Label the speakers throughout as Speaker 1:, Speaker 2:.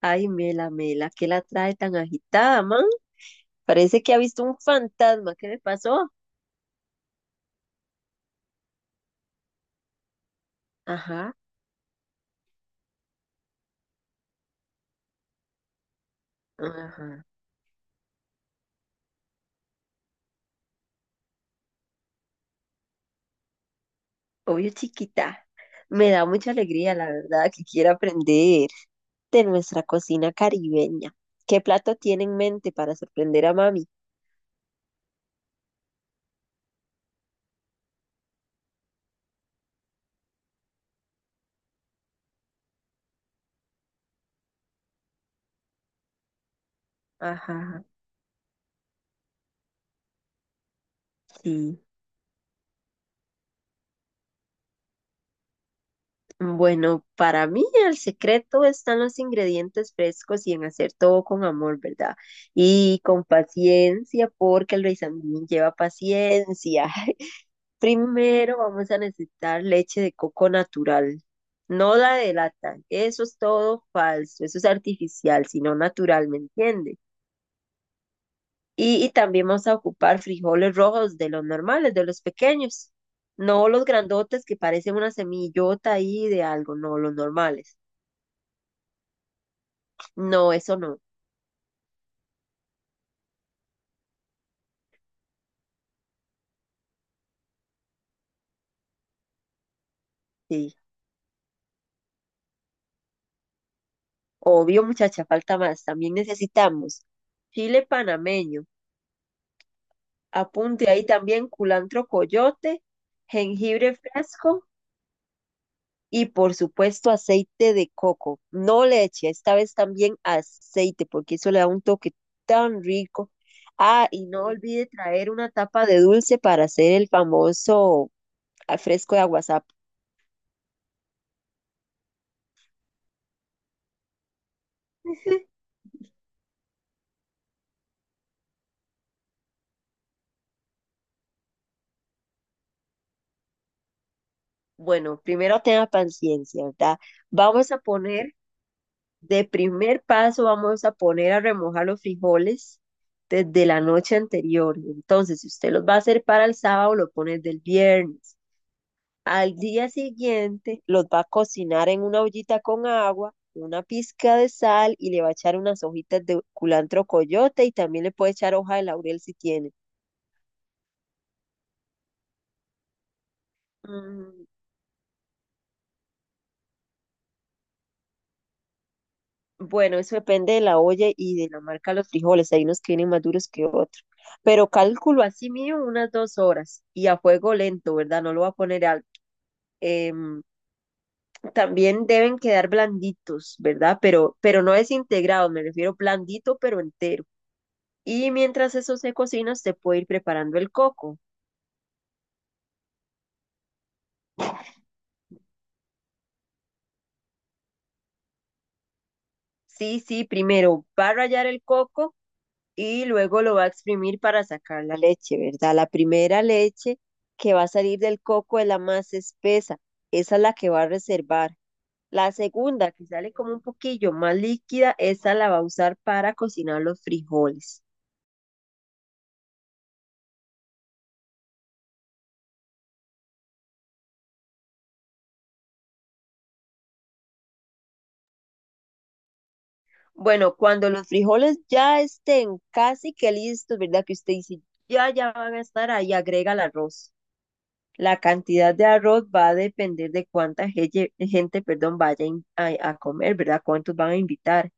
Speaker 1: Ay, Mela, Mela, ¿qué la trae tan agitada, man? Parece que ha visto un fantasma. ¿Qué le pasó? Ajá, ajá. Obvio, chiquita. Me da mucha alegría, la verdad, que quiera aprender de nuestra cocina caribeña. ¿Qué plato tiene en mente para sorprender a mami? Ajá, sí. Bueno, para mí el secreto están los ingredientes frescos y en hacer todo con amor, ¿verdad? Y con paciencia, porque el Luis lleva paciencia. Primero vamos a necesitar leche de coco natural, no la de lata. Eso es todo falso, eso es artificial, sino natural, ¿me entiende? Y también vamos a ocupar frijoles rojos de los normales, de los pequeños, no los grandotes que parecen una semillota ahí de algo, no, los normales. No, eso no, sí. Obvio, muchacha, falta más. También necesitamos chile panameño, apunte ahí también culantro coyote, jengibre fresco. Y por supuesto aceite de coco, no leche, esta vez también aceite, porque eso le da un toque tan rico. Ah, y no olvide traer una tapa de dulce para hacer el famoso fresco de aguasap. Bueno, primero tenga paciencia, ¿verdad? Vamos a poner, de primer paso, vamos a poner a remojar los frijoles desde la noche anterior. Entonces, si usted los va a hacer para el sábado, lo pone del viernes. Al día siguiente los va a cocinar en una ollita con agua, una pizca de sal y le va a echar unas hojitas de culantro coyote y también le puede echar hoja de laurel si tiene. Mm. Bueno, eso depende de la olla y de la marca de los frijoles. Hay unos que vienen más duros que otros. Pero cálculo así mío unas 2 horas y a fuego lento, ¿verdad? No lo va a poner alto. Em, también deben quedar blanditos, ¿verdad? Pero no desintegrados, me refiero blandito pero entero. Y mientras eso se cocina, usted puede ir preparando el coco. Sí, sí, primero va a rallar el coco y luego lo va a exprimir para sacar la leche, ¿verdad? La primera leche que va a salir del coco es la más espesa, esa es la que va a reservar. La segunda, que sale como un poquillo más líquida, esa la va a usar para cocinar los frijoles. Bueno, cuando los frijoles ya estén casi que listos, ¿verdad? Que usted dice, ya, ya van a estar ahí, agrega el arroz. La cantidad de arroz va a depender de gente, perdón, vaya a comer, ¿verdad? ¿Cuántos van a invitar?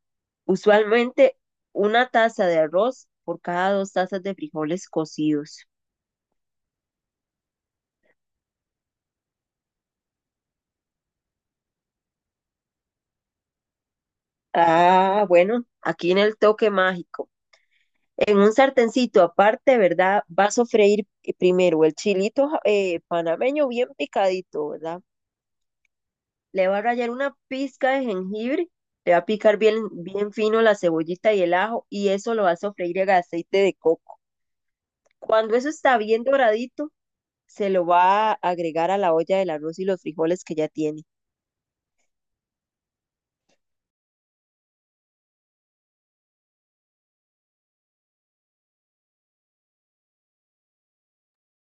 Speaker 1: Usualmente una taza de arroz por cada 2 tazas de frijoles cocidos. Ah, bueno, aquí en el toque mágico. En un sartencito aparte, ¿verdad? Vas a freír primero el panameño bien picadito, ¿verdad? Le va a rallar una pizca de jengibre, le va a picar bien, bien fino la cebollita y el ajo y eso lo va a sofreír en aceite de coco. Cuando eso está bien doradito, se lo va a agregar a la olla del arroz y los frijoles que ya tiene.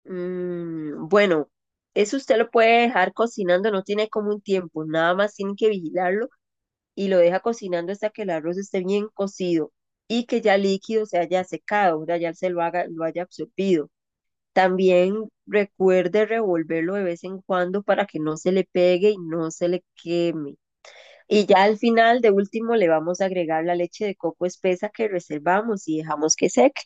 Speaker 1: Mm, bueno, eso usted lo puede dejar cocinando, no tiene como un tiempo, nada más tiene que vigilarlo y lo deja cocinando hasta que el arroz esté bien cocido y que ya el líquido se haya secado, ¿verdad? Ya se lo haga, lo haya absorbido. También recuerde revolverlo de vez en cuando para que no se le pegue y no se le queme. Y ya al final, de último, le vamos a agregar la leche de coco espesa que reservamos y dejamos que seque.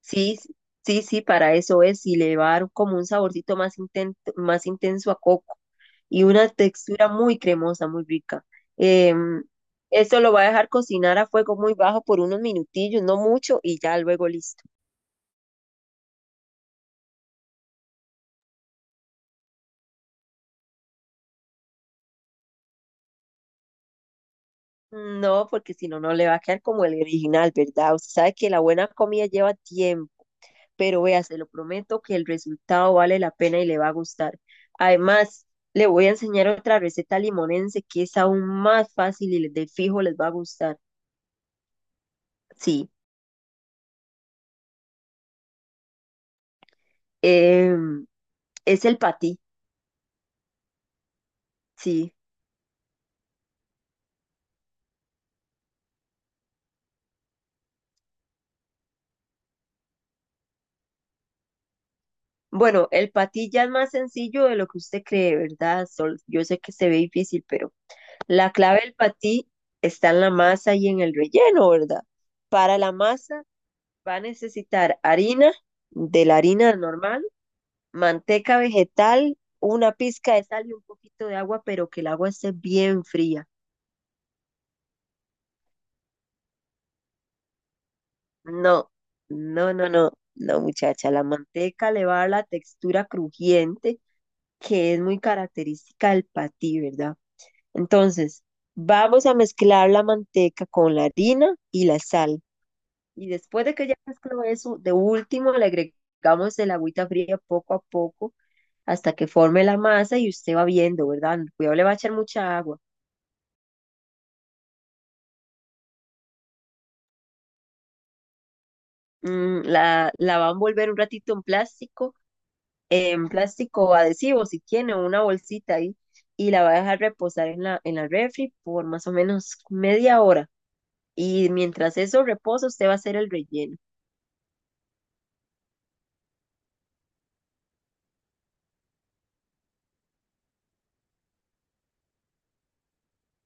Speaker 1: Sí, s- sí, para eso es. Y le va a dar como un más intenso a coco y una textura muy cremosa, muy rica. Em, esto lo va a dejar cocinar a fuego muy bajo por unos minutillos, no mucho, y ya luego listo. No, porque si no, no le va a quedar como el original, ¿verdad? Usted sabe que la buena comida lleva tiempo, pero vea, se lo prometo que el resultado vale la pena y le va a gustar. Además, le voy a enseñar otra receta limonense que es aún más fácil y de fijo les va a gustar. Sí, em, es el patí, sí. Bueno, el patí ya es más sencillo de lo que usted cree, ¿verdad? Sol. Yo sé que se ve difícil, pero la clave del patí está en la masa y en el relleno, ¿verdad? Para la masa va a necesitar harina, de la harina normal, manteca vegetal, una pizca de sal y un poquito de agua, pero que el agua esté bien fría. No, no, no, no, no, muchacha. La manteca le va a dar la textura crujiente que es muy característica del patí, ¿verdad? Entonces, vamos a mezclar la manteca con la harina y la sal. Y después de que ya mezcló eso, de último le agregamos el agüita fría poco a poco hasta que forme la masa y usted va viendo, ¿verdad? Cuidado, le va a echar mucha agua. Mm, la va a envolver un ratito en plástico adhesivo, si tiene, o una bolsita ahí, y la va a dejar reposar en la refri por más o menos media hora. Y mientras eso reposa, usted va a hacer el relleno.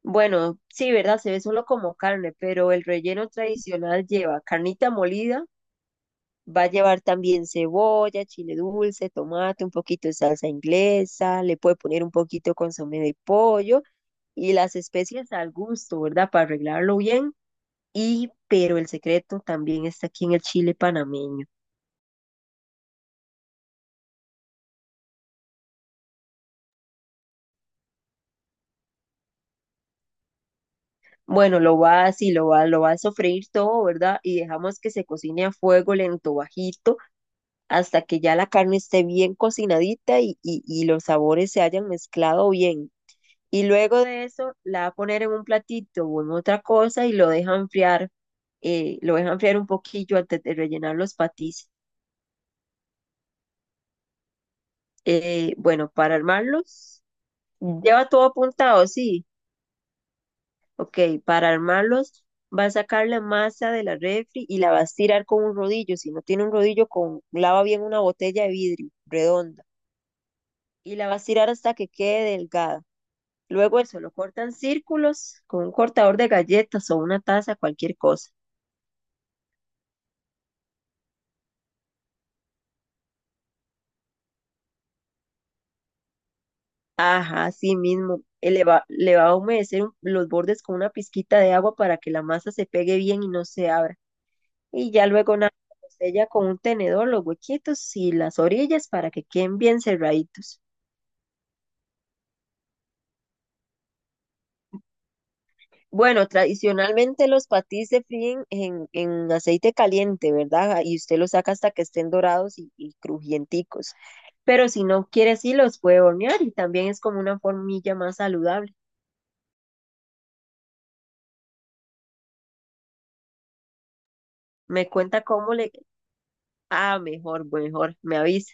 Speaker 1: Bueno, sí, ¿verdad? Se ve solo como carne, pero el relleno tradicional lleva carnita molida. Va a llevar también cebolla, chile dulce, tomate, un poquito de salsa inglesa, le puede poner un poquito de consomé de pollo y las especias al gusto, ¿verdad? Para arreglarlo bien. Y, pero el secreto también está aquí en el chile panameño. Bueno, lo va así, lo va a sofreír todo, ¿verdad? Y dejamos que se cocine a fuego lento, bajito, hasta que ya la carne esté bien cocinadita y los sabores se hayan mezclado bien. Y luego de eso la va a poner en un platito o en otra cosa y lo deja enfriar un poquillo antes de rellenar los patis. Bueno, para armarlos, lleva todo apuntado, sí. Ok, para armarlos va a sacar la masa de la refri y la va a estirar con un rodillo. Si no tiene un rodillo, con, lava bien una botella de vidrio redonda y la va a estirar hasta que quede delgada. Luego eso lo cortan círculos con un cortador de galletas o una taza, cualquier cosa. Ajá, sí mismo. Le va a los bordes con una pizquita de agua para que la masa se pegue bien y no se abra. Y ya luego nada, lo sella con un tenedor los huequitos y las orillas para que queden bien cerraditos. Bueno, tradicionalmente los patís se fríen en aceite caliente, ¿verdad? Y usted los saca hasta que estén dorados y crujienticos. Pero si no quiere, sí los puede hornear y también es como una formilla más saludable. Me cuenta cómo le... Ah, mejor, mejor, me avisa.